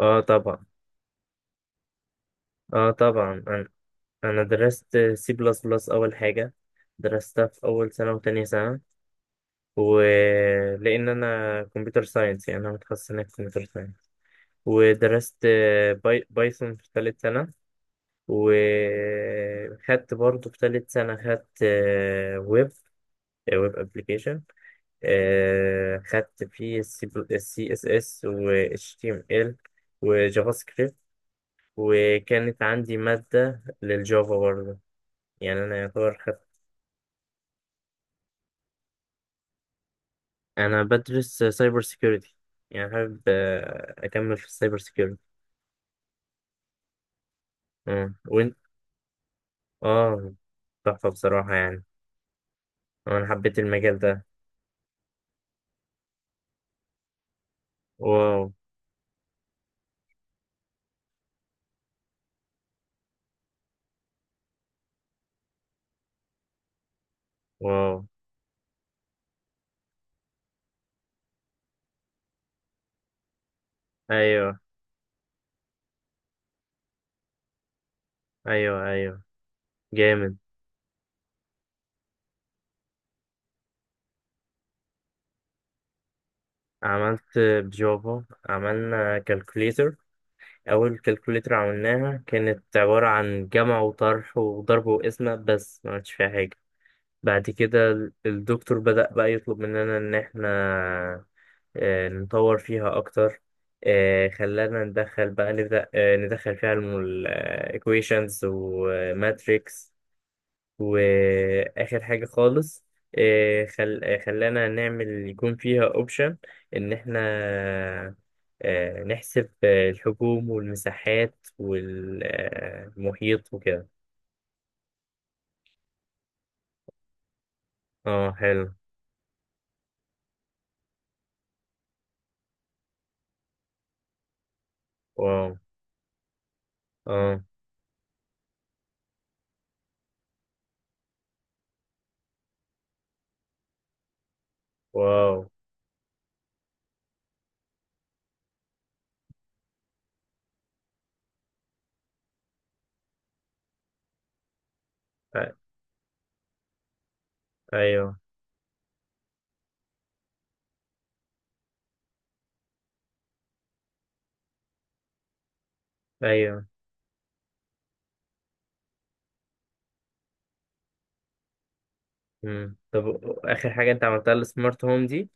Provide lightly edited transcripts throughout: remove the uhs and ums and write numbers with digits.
اه طبعا. اه طبعا، انا درست سي بلس بلس. اول حاجه درستها في اول سنه وتانية سنه، ولان انا كمبيوتر ساينس، يعني انا متخصص هناك في كمبيوتر ساينس. ودرست بايثون في ثالث سنه. وخدت برضه في ثالث سنه، خدت ويب ويب ابلكيشن. خدت فيه السي اس اس و اتش تي ام ال وجافا سكريبت. وكانت عندي مادة للجافا برضه، يعني أنا يعتبر. أنا بدرس سايبر سيكيورتي، يعني حابب أكمل في السايبر سيكيورتي. أه، وأنت؟ أه. تحفة بصراحة يعني. أنا حبيت المجال ده. واو. واو. أيوه أيوه أيوه. جامد. عملت بجافا، عملنا كالكوليتر. أول كالكوليتر عملناها كانت عبارة عن جمع وطرح وضرب وقسمة بس، ما عملتش فيها حاجة. بعد كده الدكتور بدأ بقى يطلب مننا إن إحنا نطور فيها أكتر. خلانا ندخل بقى، نبدأ ندخل فيها الإيكويشنز وماتريكس. وآخر حاجة خالص، آه، خل... آه، خلانا نعمل يكون فيها أوبشن إن إحنا نحسب الحجوم والمساحات والمحيط وكده. اه حلو. واو. اه. واو. أ- أيوه. ايوه. مم. طب اخر حاجه انت عملتها السمارت هوم دي؟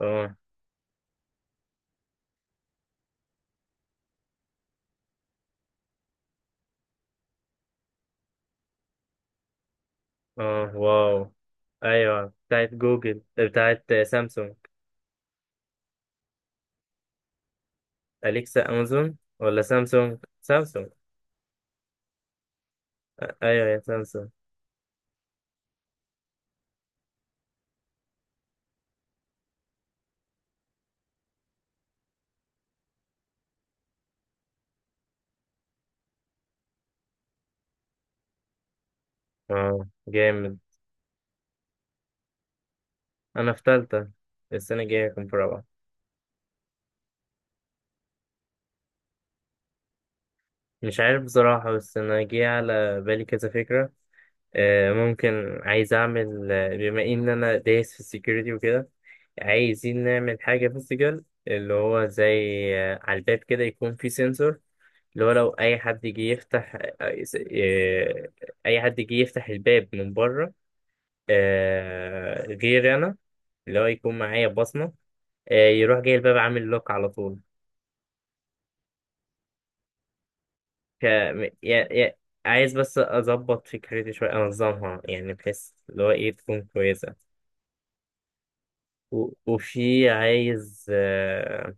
اه. اه. واو. ايوه بتاعت جوجل بتاعت سامسونج. اليكسا امازون ولا سامسونج سامسونج؟ ايوه يا سامسونج. اه جامد. انا في تالتة، السنه الجايه هكون في رابعه. مش عارف بصراحة، بس أنا جه على بالي كذا فكرة. ممكن عايز أعمل، بما إن أنا دايس في السكيورتي وكده، عايزين نعمل حاجة فيزيكال، اللي هو زي، على الباب كده يكون في سنسور. اللي هو لو أي حد جه يفتح، أي حد جه يفتح الباب من بره غير أنا، اللي هو يكون معايا بصمة، يروح جاي الباب عامل لوك على طول. ك... يا... يا... عايز بس اظبط فكرتي شويه، انظمها يعني، بحيث اللي هو ايه تكون كويسه. وفي عايز، آه،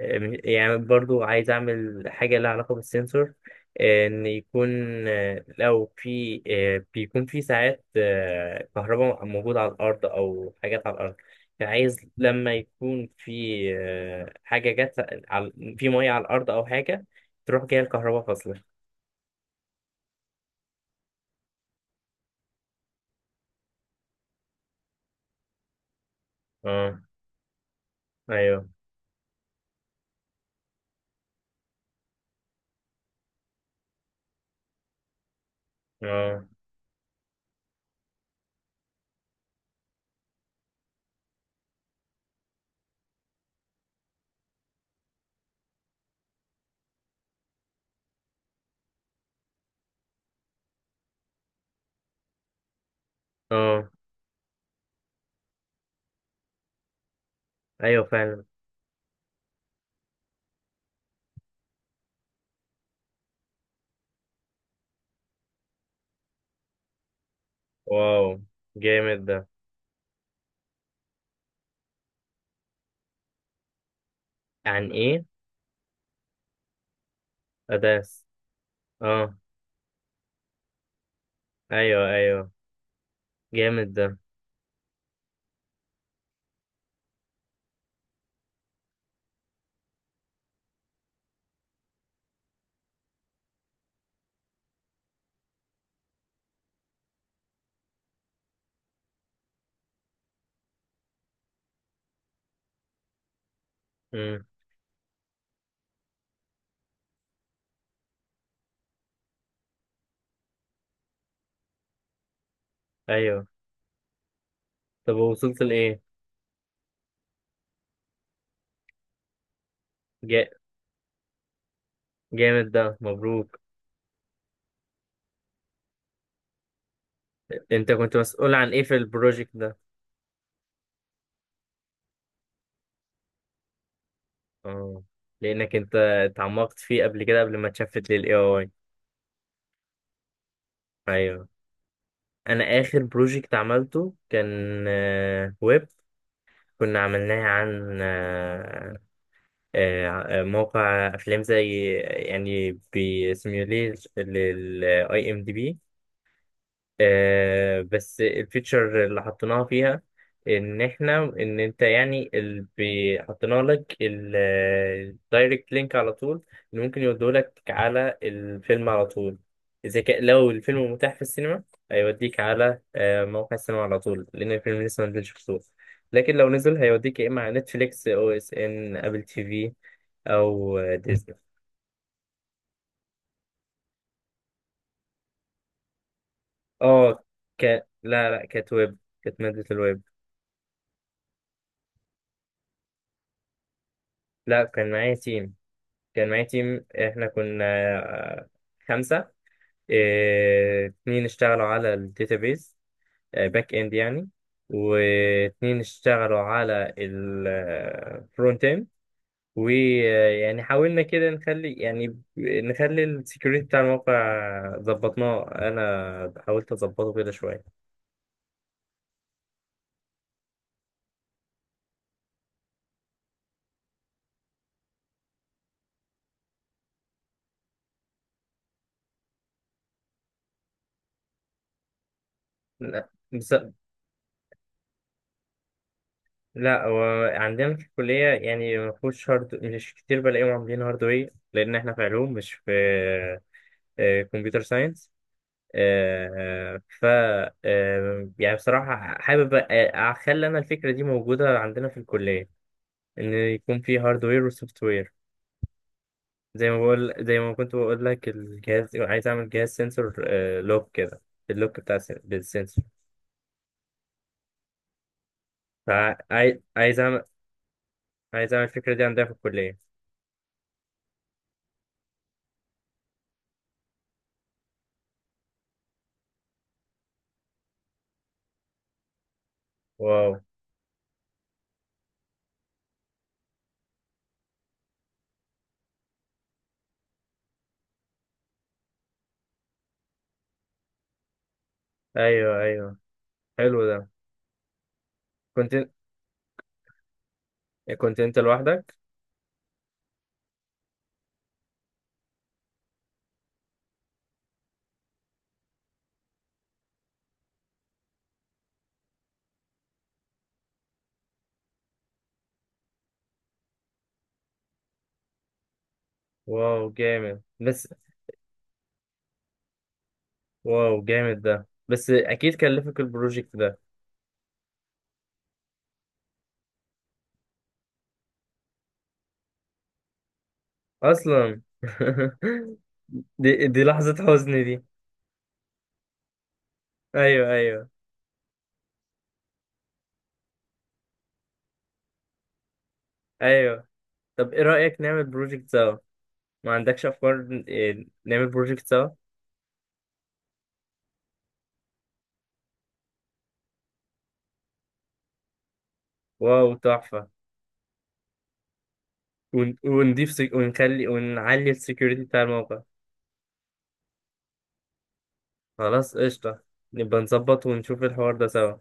آه، يعني برضو عايز اعمل حاجه لها علاقه بالسنسور. ان يكون، لو في، بيكون في ساعات كهرباء موجوده على الارض او حاجات على الارض. يعني عايز لما يكون في، آه، حاجه جت على... في ميه على الارض، او حاجه تروح جايه الكهرباء فاصله. اه. ايوه. اه. اه ايوه فعلا. واو جامد ده. عن ايه؟ اداس. اه. ايوه ايوه. جامد ده. امم. ايوه طب وصلت لايه؟ جا... جامد ده، مبروك. انت كنت مسؤول عن ايه في البروجكت ده؟ اه، لانك انت اتعمقت فيه قبل كده، قبل ما اتشفت للاي اي. ايوه. انا اخر بروجكت عملته كان ويب. كنا عملناه عن موقع افلام، زي يعني بيسيميوليت للاي ام دي بي. بس الفيتشر اللي حطيناها فيها ان احنا، ان انت يعني، اللي حطينا لك الدايركت لينك على طول اللي ممكن يودولك على الفيلم على طول. اذا كان، لو الفيلم متاح في السينما، هيوديك على موقع السينما على طول، لان الفيلم لسه ما نزلش في السوق. لكن لو نزل، هيوديك يا اما على نتفليكس او اس ان ابل تي في او ديزني. اه. ك... لا لا، كانت ويب، كانت مادة الويب. لا كان معايا تيم. جامعتي، احنا كنا آه، خمسة. إيه، اتنين اشتغلوا على الداتابيز، باك اند يعني، واتنين اشتغلوا على الفرونت اند. ويعني حاولنا كده نخلي، يعني نخلي السكيورتي بتاع الموقع، ظبطناه، انا حاولت اظبطه كده شوية. لا بس. لا هو عندنا في الكلية يعني ما فيهوش هارد، مش كتير بلاقيهم عاملين هاردوير، لأن احنا في علوم مش في كمبيوتر ساينس. ف يعني بصراحة حابب أخلي أنا الفكرة دي موجودة عندنا في الكلية، إن يكون في هاردوير وسوفت وير. زي ما بقول، زي ما كنت بقول لك، الجهاز عايز أعمل جهاز سنسور، لوك كده، اللوك بتاع بالسنسور. فعايز، عايز أعمل الفكرة دي عندنا في الكلية. واو. أيوه أيوه. حلو ده. كنت كنت أنت لوحدك؟ واو جامد بس. واو جامد ده، بس أكيد كلفك البروجكت ده اصلا. دي لحظة حزن دي. ايوه ايوه ايوه. طب ايه رأيك نعمل بروجكت سوا؟ ما عندكش افكار؟ إيه، نعمل بروجكت سوا. واو تحفة. ونضيف، ونخلي ونعلي السكيورتي بتاع الموقع. خلاص قشطة. نبقى نظبط ونشوف الحوار ده سوا.